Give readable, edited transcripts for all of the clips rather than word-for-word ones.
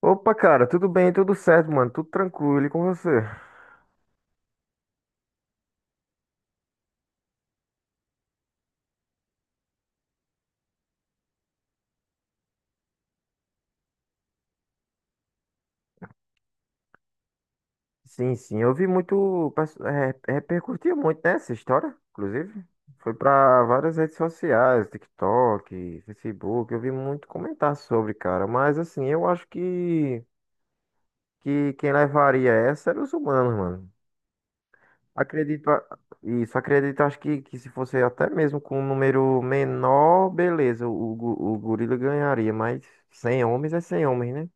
Opa, cara, tudo bem, tudo certo, mano, tudo tranquilo e com você? Sim, sim, eu vi muito, é, repercutiu muito, né, essa história, inclusive. Foi pra várias redes sociais, TikTok, Facebook, eu vi muito comentar sobre, cara, mas assim, que quem levaria essa era os humanos, mano. Acredito, isso, acredito, que se fosse até mesmo com um número menor, beleza, o gorila ganharia, mas 100 homens é 100 homens, né?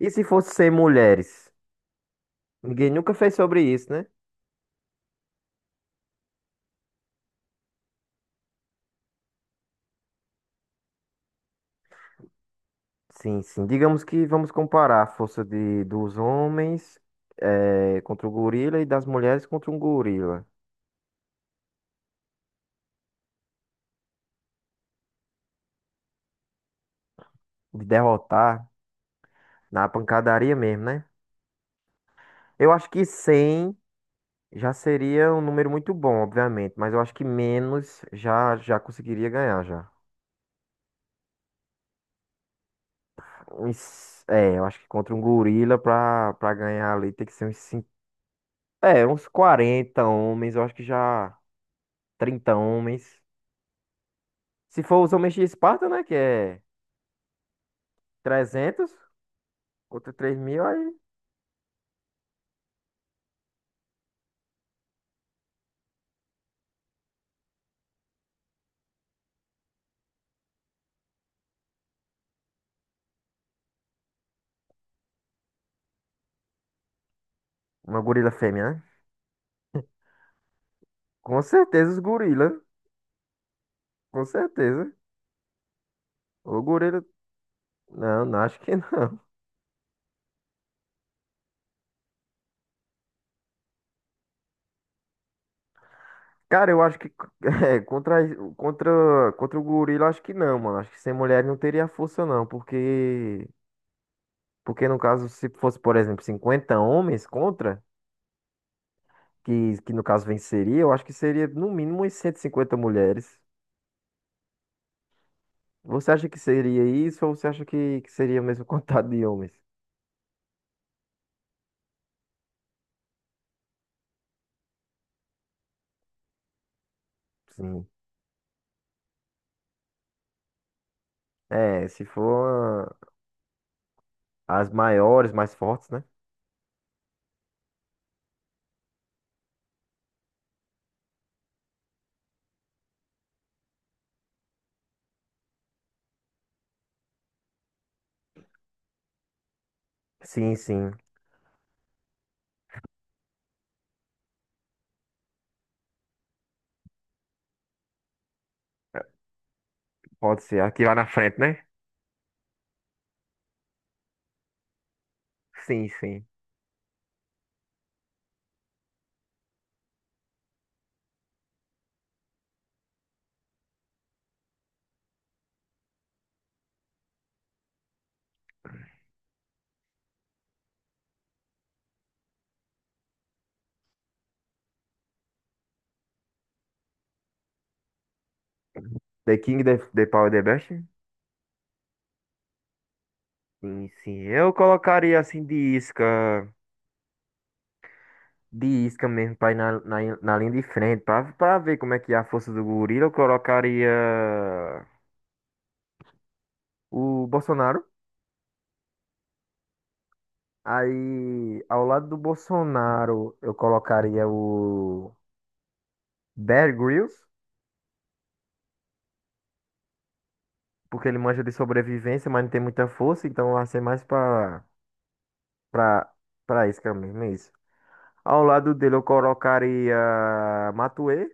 E se fosse 100 mulheres? Ninguém nunca fez sobre isso, né? Sim, sim. Digamos que vamos comparar a força dos homens contra o gorila e das mulheres contra um gorila. De derrotar na pancadaria mesmo, né? Eu acho que 100 já seria um número muito bom, obviamente. Mas eu acho que menos já conseguiria ganhar, já. É, eu acho que contra um gorila pra ganhar ali tem que ser uns 5, é, uns 40 homens. Eu acho que já 30 homens. Se for os homens de Esparta, né? Que é... 300 contra 3000, aí. Uma gorila fêmea, né? Com certeza os gorila. Com certeza. O gorila. Não, não, acho que não. Cara, eu acho que é, contra, contra o gorila, acho que não, mano. Acho que sem mulher não teria força, não. Porque no caso, se fosse, por exemplo, 50 homens contra, que no caso venceria, eu acho que seria no mínimo umas 150 mulheres. Você acha que seria isso ou você acha que seria o mesmo contado de homens? Sim. É, se for as maiores, mais fortes, né? Sim, sim. Pode ser. Aqui lá na frente, né? Sim, sim. The King, the Power, the Best? Sim, sim. Eu colocaria assim de isca mesmo, pra ir na linha de frente, pra ver como é que é a força do gorila. Eu colocaria o Bolsonaro. Aí, ao lado do Bolsonaro, eu colocaria o Bear Grylls, porque ele manja de sobrevivência, mas não tem muita força, então vai ser mais pra Pra, pra isca mesmo, é isso. Ao lado dele eu colocaria Matuê,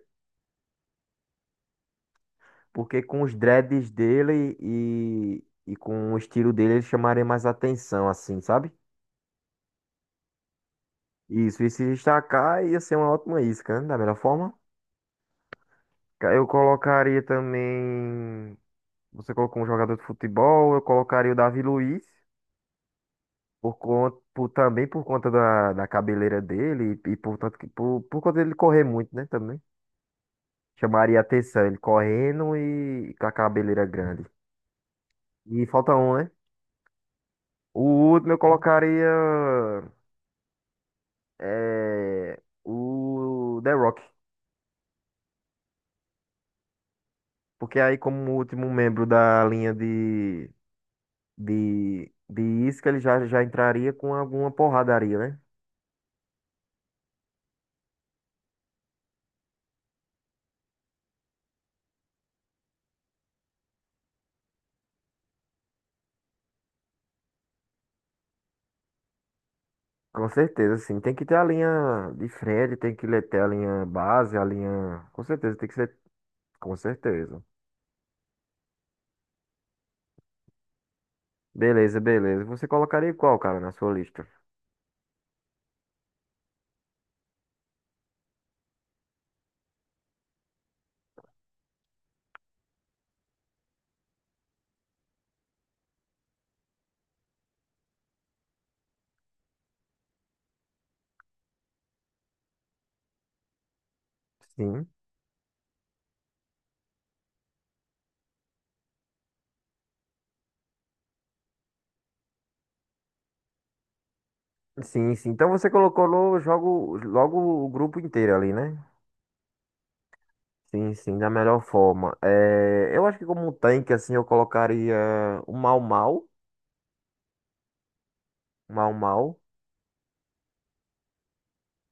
porque com os dreads dele e com o estilo dele ele chamaria mais atenção, assim, sabe? Isso, e se destacar ia ser uma ótima isca, né? Da melhor forma. Eu colocaria também. Você colocou um jogador de futebol, eu colocaria o Davi Luiz, por, também por conta da cabeleira dele e por, por conta dele correr muito, né? Também. Chamaria atenção, ele correndo e com a cabeleira grande. E falta um, né? O último eu colocaria é, o The Rock. Porque aí, como último membro da linha de isca, já entraria com alguma porradaria, né? Com certeza, sim. Tem que ter a linha de frente, tem que ter a linha base, a linha. Com certeza, tem que ser. Com certeza. Beleza, beleza. Você colocaria qual, cara, na sua lista? Sim. Sim, sim. Então você colocou jogo, logo o grupo inteiro ali, né? Sim, sim, da melhor forma. É, eu acho que como um tanque, assim, eu colocaria o Mau Mau. Mau Mau.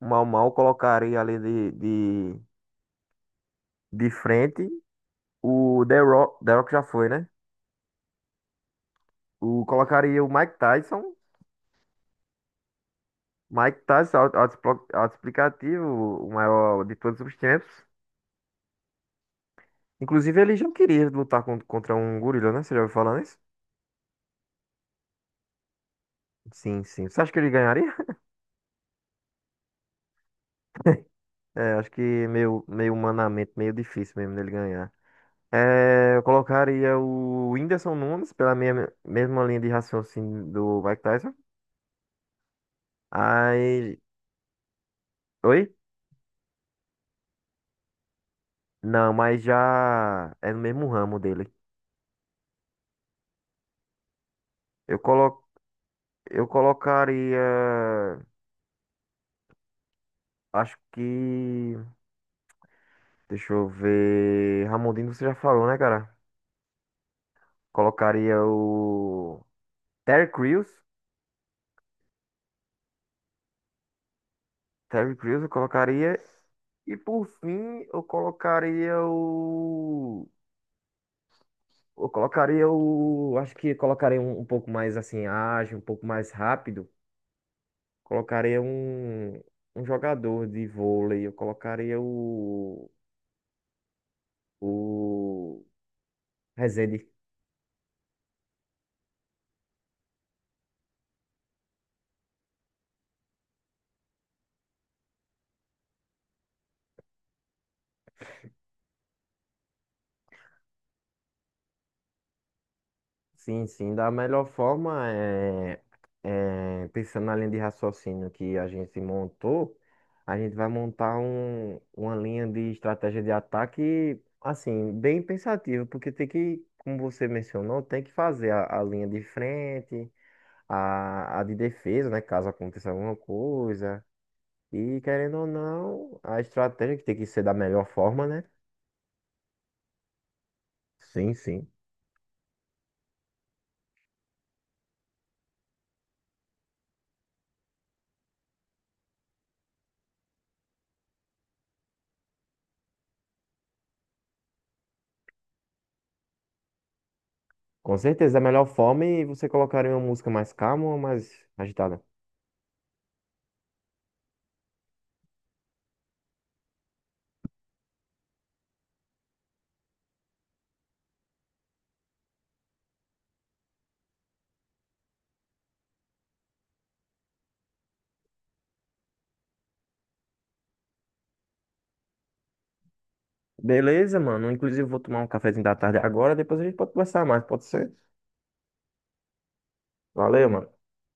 O Mau Mau eu colocaria ali de, de frente. O The Rock, The Rock já foi, né? O, colocaria o Mike Tyson. Mike Tyson, autoexplicativo, o maior de todos os tempos. Inclusive, ele já queria lutar contra um gorila, né? Você já ouviu falar nisso? Sim, sim. Você acha que ele ganharia? É, acho que meio, meio humanamente, meio difícil mesmo dele ganhar. É, eu colocaria o Whindersson Nunes pela minha, mesma linha de raciocínio do Mike Tyson. Aí. Oi? Não, mas já é no mesmo ramo dele. Eu colo, eu colocaria. Acho que. Deixa eu ver. Ramondino, você já falou, né, cara? Colocaria o. Terry Crews. Terry Crews eu colocaria. E por fim, eu colocaria o. Eu colocaria o. Acho que colocaria um pouco mais assim, ágil, um pouco mais rápido. Colocaria um jogador de vôlei. Eu colocaria o. O. Rezende. Sim, sim, da melhor forma é, é, pensando na linha de raciocínio que a gente montou, a gente vai montar uma linha de estratégia de ataque, assim, bem pensativa, porque tem que, como você mencionou, tem que fazer a linha de frente, a de defesa, né, caso aconteça alguma coisa, e querendo ou não, a estratégia que tem que ser da melhor forma, né? Sim, sim. Com certeza, da melhor forma, e você colocaria uma música mais calma ou mais agitada? Beleza, mano. Inclusive, vou tomar um cafezinho da tarde agora. Depois a gente pode conversar mais, pode ser? Valeu, mano.